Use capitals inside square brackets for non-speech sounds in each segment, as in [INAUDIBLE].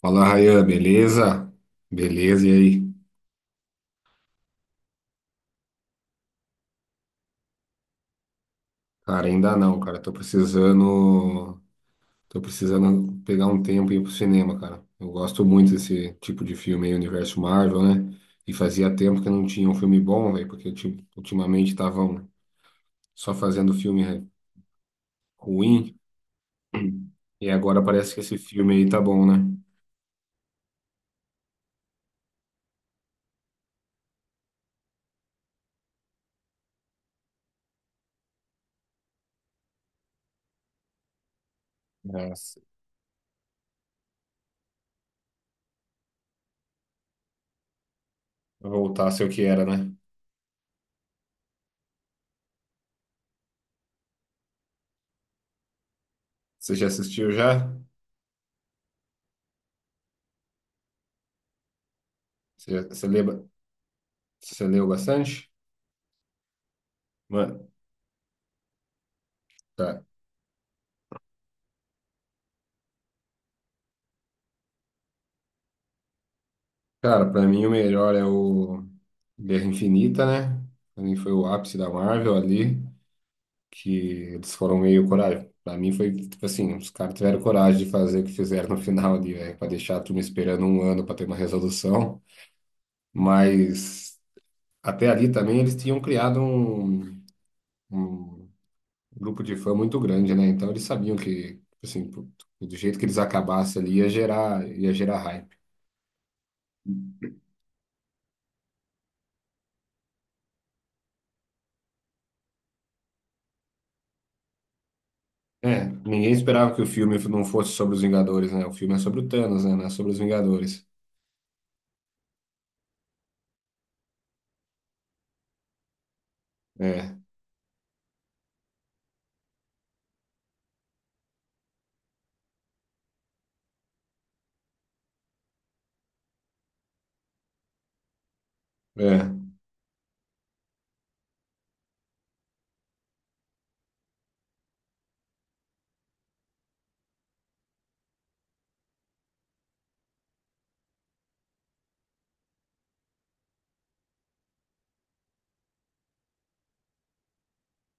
Fala, Rayan, beleza? Beleza, e aí? Cara, ainda não, cara. Tô precisando. Tô precisando pegar um tempo e ir pro cinema, cara. Eu gosto muito desse tipo de filme aí, universo Marvel, né? E fazia tempo que não tinha um filme bom, velho, porque ultimamente estavam só fazendo filme ruim. [CLEARS THROAT] E agora parece que esse filme aí tá bom, né? É, se- Voltar a ser o que era, né? Você já assistiu já? Você, você lembra? Você leu bastante? Mano. Tá. Cara, pra mim o melhor é o Guerra Infinita, né? Pra mim foi o ápice da Marvel ali, que eles foram meio coragem. Pra mim foi, tipo assim, os caras tiveram coragem de fazer o que fizeram no final ali, velho, pra deixar a turma esperando um ano pra ter uma resolução. Mas até ali também eles tinham criado um, um grupo de fã muito grande, né? Então eles sabiam que, tipo assim, pro- do jeito que eles acabassem ali ia gerar hype. É, ninguém esperava que o filme não fosse sobre os Vingadores, né? O filme é sobre o Thanos, né? Não é sobre os Vingadores. É, é.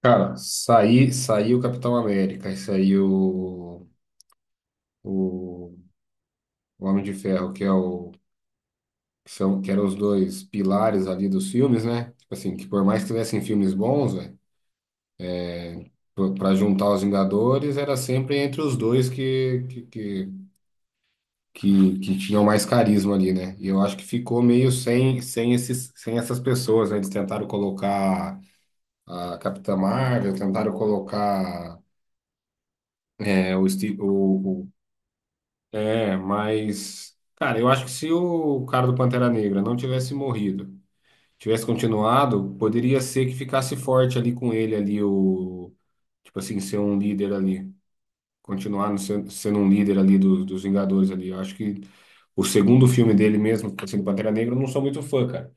Cara, saiu o Capitão América e saiu o, Homem de Ferro, que é o que são que eram os dois pilares ali dos filmes, né? Tipo assim, que por mais que tivessem filmes bons, velho, para juntar os Vingadores, era sempre entre os dois que tinham mais carisma ali, né? E eu acho que ficou meio sem, sem esses, sem essas pessoas, né? Eles tentaram colocar a Capitã Marvel, tentaram colocar é, o, Steve, o- é, mas. Cara, eu acho que se o cara do Pantera Negra não tivesse morrido, tivesse continuado, poderia ser que ficasse forte ali com ele, ali, o. Tipo assim, ser um líder ali. Continuar no sendo um líder ali dos Vingadores ali. Eu acho que o segundo filme dele mesmo, que assim, do Pantera Negra, eu não sou muito fã, cara.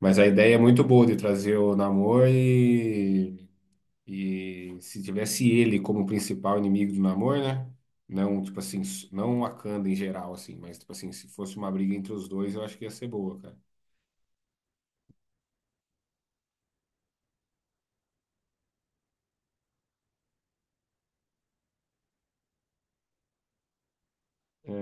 Mas a ideia é muito boa de trazer o Namor. E se tivesse ele como principal inimigo do Namor, né? Não, tipo assim, não o Wakanda em geral, assim, mas tipo assim, se fosse uma briga entre os dois, eu acho que ia ser boa, cara. É,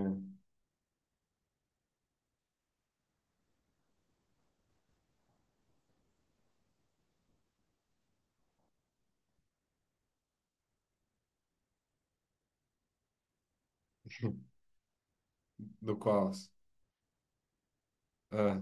[LAUGHS] do Colossus. Ah.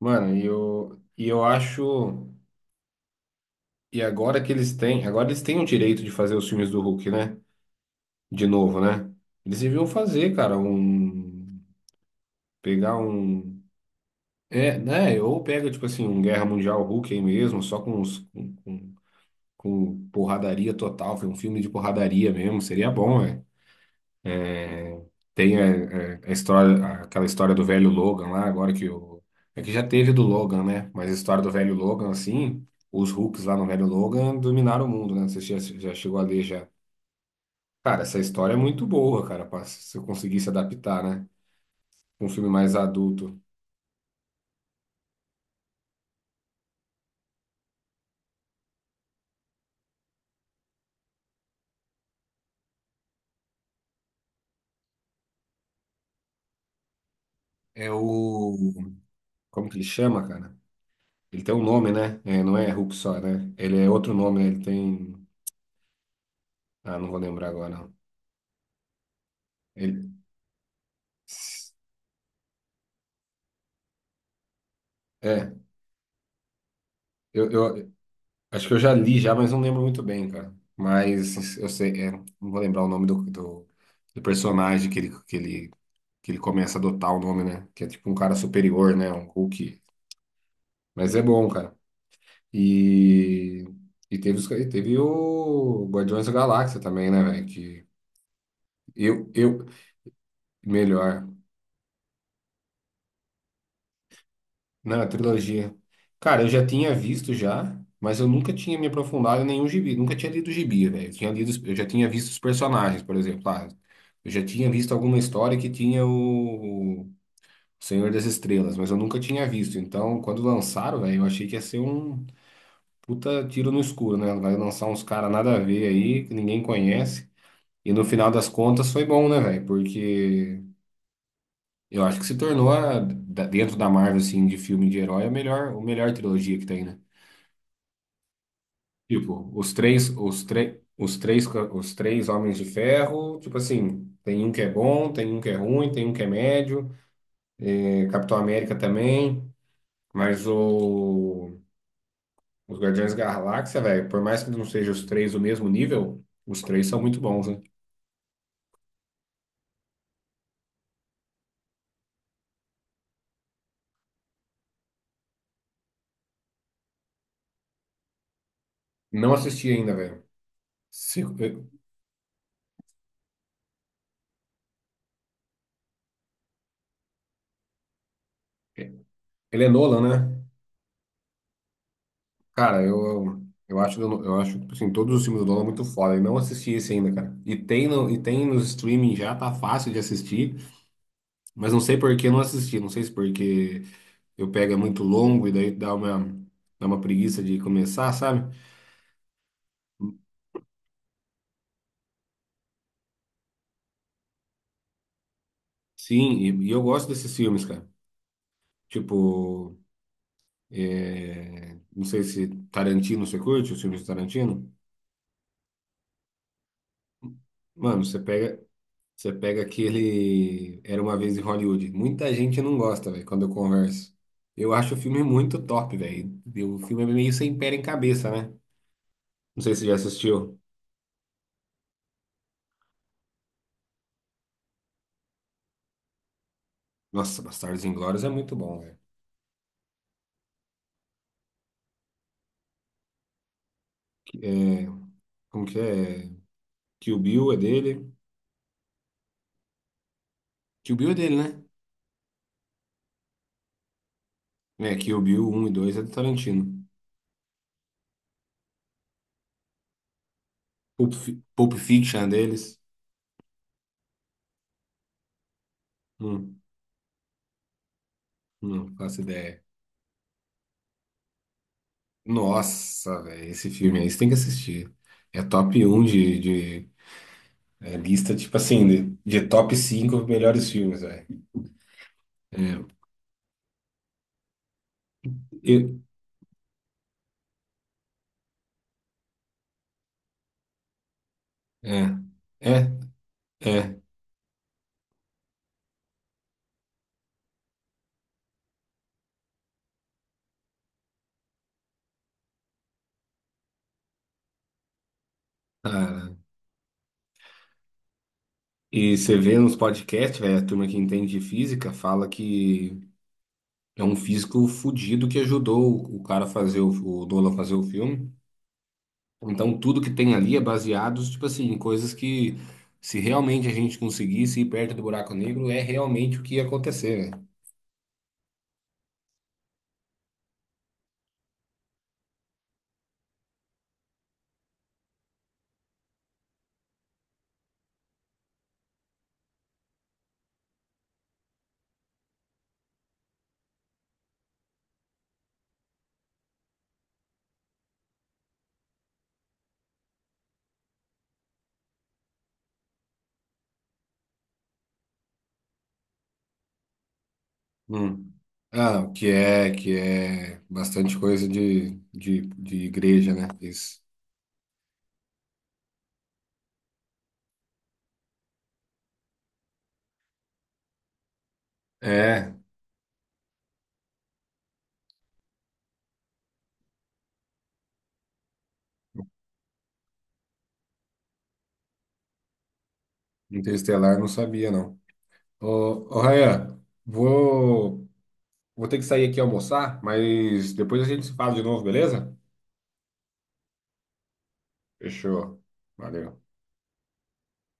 Mano, e eu acho. E agora que eles têm. Agora eles têm o direito de fazer os filmes do Hulk, né? De novo, né? Eles deviam fazer, cara, um. Pegar um. É, né? Ou pega, tipo assim, um Guerra Mundial Hulk aí mesmo, só com os. Com porradaria total, foi um filme de porradaria mesmo, seria bom, né? Tem é, é, a, história, aquela história do velho Logan lá, agora que o. É que já teve do Logan, né? Mas a história do velho Logan, assim, os Hulks lá no velho Logan dominaram o mundo, né? Você já, já chegou a ler já. Cara, essa história é muito boa, cara, pra, se eu conseguisse adaptar, né? Um filme mais adulto. É o. Como que ele chama, cara? Ele tem um nome, né? É, não é Hulk só, né? Ele é outro nome, né? Ele tem. Ah, não vou lembrar agora, não. Ele é, eu acho que eu já li já, mas não lembro muito bem, cara. Mas eu sei, é, não vou lembrar o nome do, do, do personagem que ele, que ele, que ele começa a adotar o nome, né? Que é tipo um cara superior, né? Um Hulk. Mas é bom, cara. E, e teve, e teve o Guardiões da Galáxia também, né, velho? Que eu, eu, melhor. Não, a trilogia. Cara, eu já tinha visto já, mas eu nunca tinha me aprofundado em nenhum gibi. Nunca tinha lido gibi, velho. Eu tinha lido, eu já tinha visto os personagens, por exemplo. Ah, eu já tinha visto alguma história que tinha o Senhor das Estrelas, mas eu nunca tinha visto. Então, quando lançaram, velho, eu achei que ia ser um puta tiro no escuro, né? Vai lançar uns caras nada a ver aí, que ninguém conhece. E no final das contas foi bom, né, velho? Porque eu acho que se tornou, dentro da Marvel, assim, de filme de herói, a melhor, o melhor trilogia que tem, né? Tipo, os três homens de ferro, tipo assim, tem um que é bom, tem um que é ruim, tem um que é médio, eh, Capitão América também, mas o, os Guardiões da Galáxia, velho, por mais que não sejam os três do mesmo nível, os três são muito bons, né? Não assisti ainda, velho. Se- eu- Ele é Nolan, né? Cara, eu acho, tipo assim, todos os filmes do Nolan muito foda. Eu não assisti esse ainda, cara. E tem, no, e tem nos streaming já, tá fácil de assistir. Mas não sei por que eu não assisti. Não sei se porque eu pego é muito longo e daí dá uma preguiça de começar, sabe? Sim, e eu gosto desses filmes, cara. Tipo, é, não sei se Tarantino você curte, os filmes de Tarantino. Mano, você pega aquele Era uma vez em Hollywood. Muita gente não gosta, velho, quando eu converso. Eu acho o filme muito top, velho. E o filme é meio sem pé em cabeça, né? Não sei se você já assistiu. Nossa, Bastardos Inglórios é muito bom, velho. É, como que é? Kill Bill é dele. Kill Bill é dele, né? É, Kill Bill um e dois é do Tarantino. Pulp Fiction é deles. Hum, não faço ideia. Nossa, velho, esse filme aí você tem que assistir. É top um de é, lista, tipo assim, de top 5 melhores filmes, velho. É, Eu- É, é, é, cara. E você vê nos podcasts, velho, a turma que entende de física fala que é um físico fudido que ajudou o cara a fazer o Nolan fazer o filme. Então tudo que tem ali é baseado, tipo assim, em coisas que se realmente a gente conseguisse ir perto do buraco negro, é realmente o que ia acontecer, né? Hum. Ah, o que é bastante coisa de igreja, né? Isso. É, Interestelar eu não sabia, não. Ô, ô Rayan, vou, vou ter que sair aqui almoçar, mas depois a gente se fala de novo, beleza? Fechou. Valeu.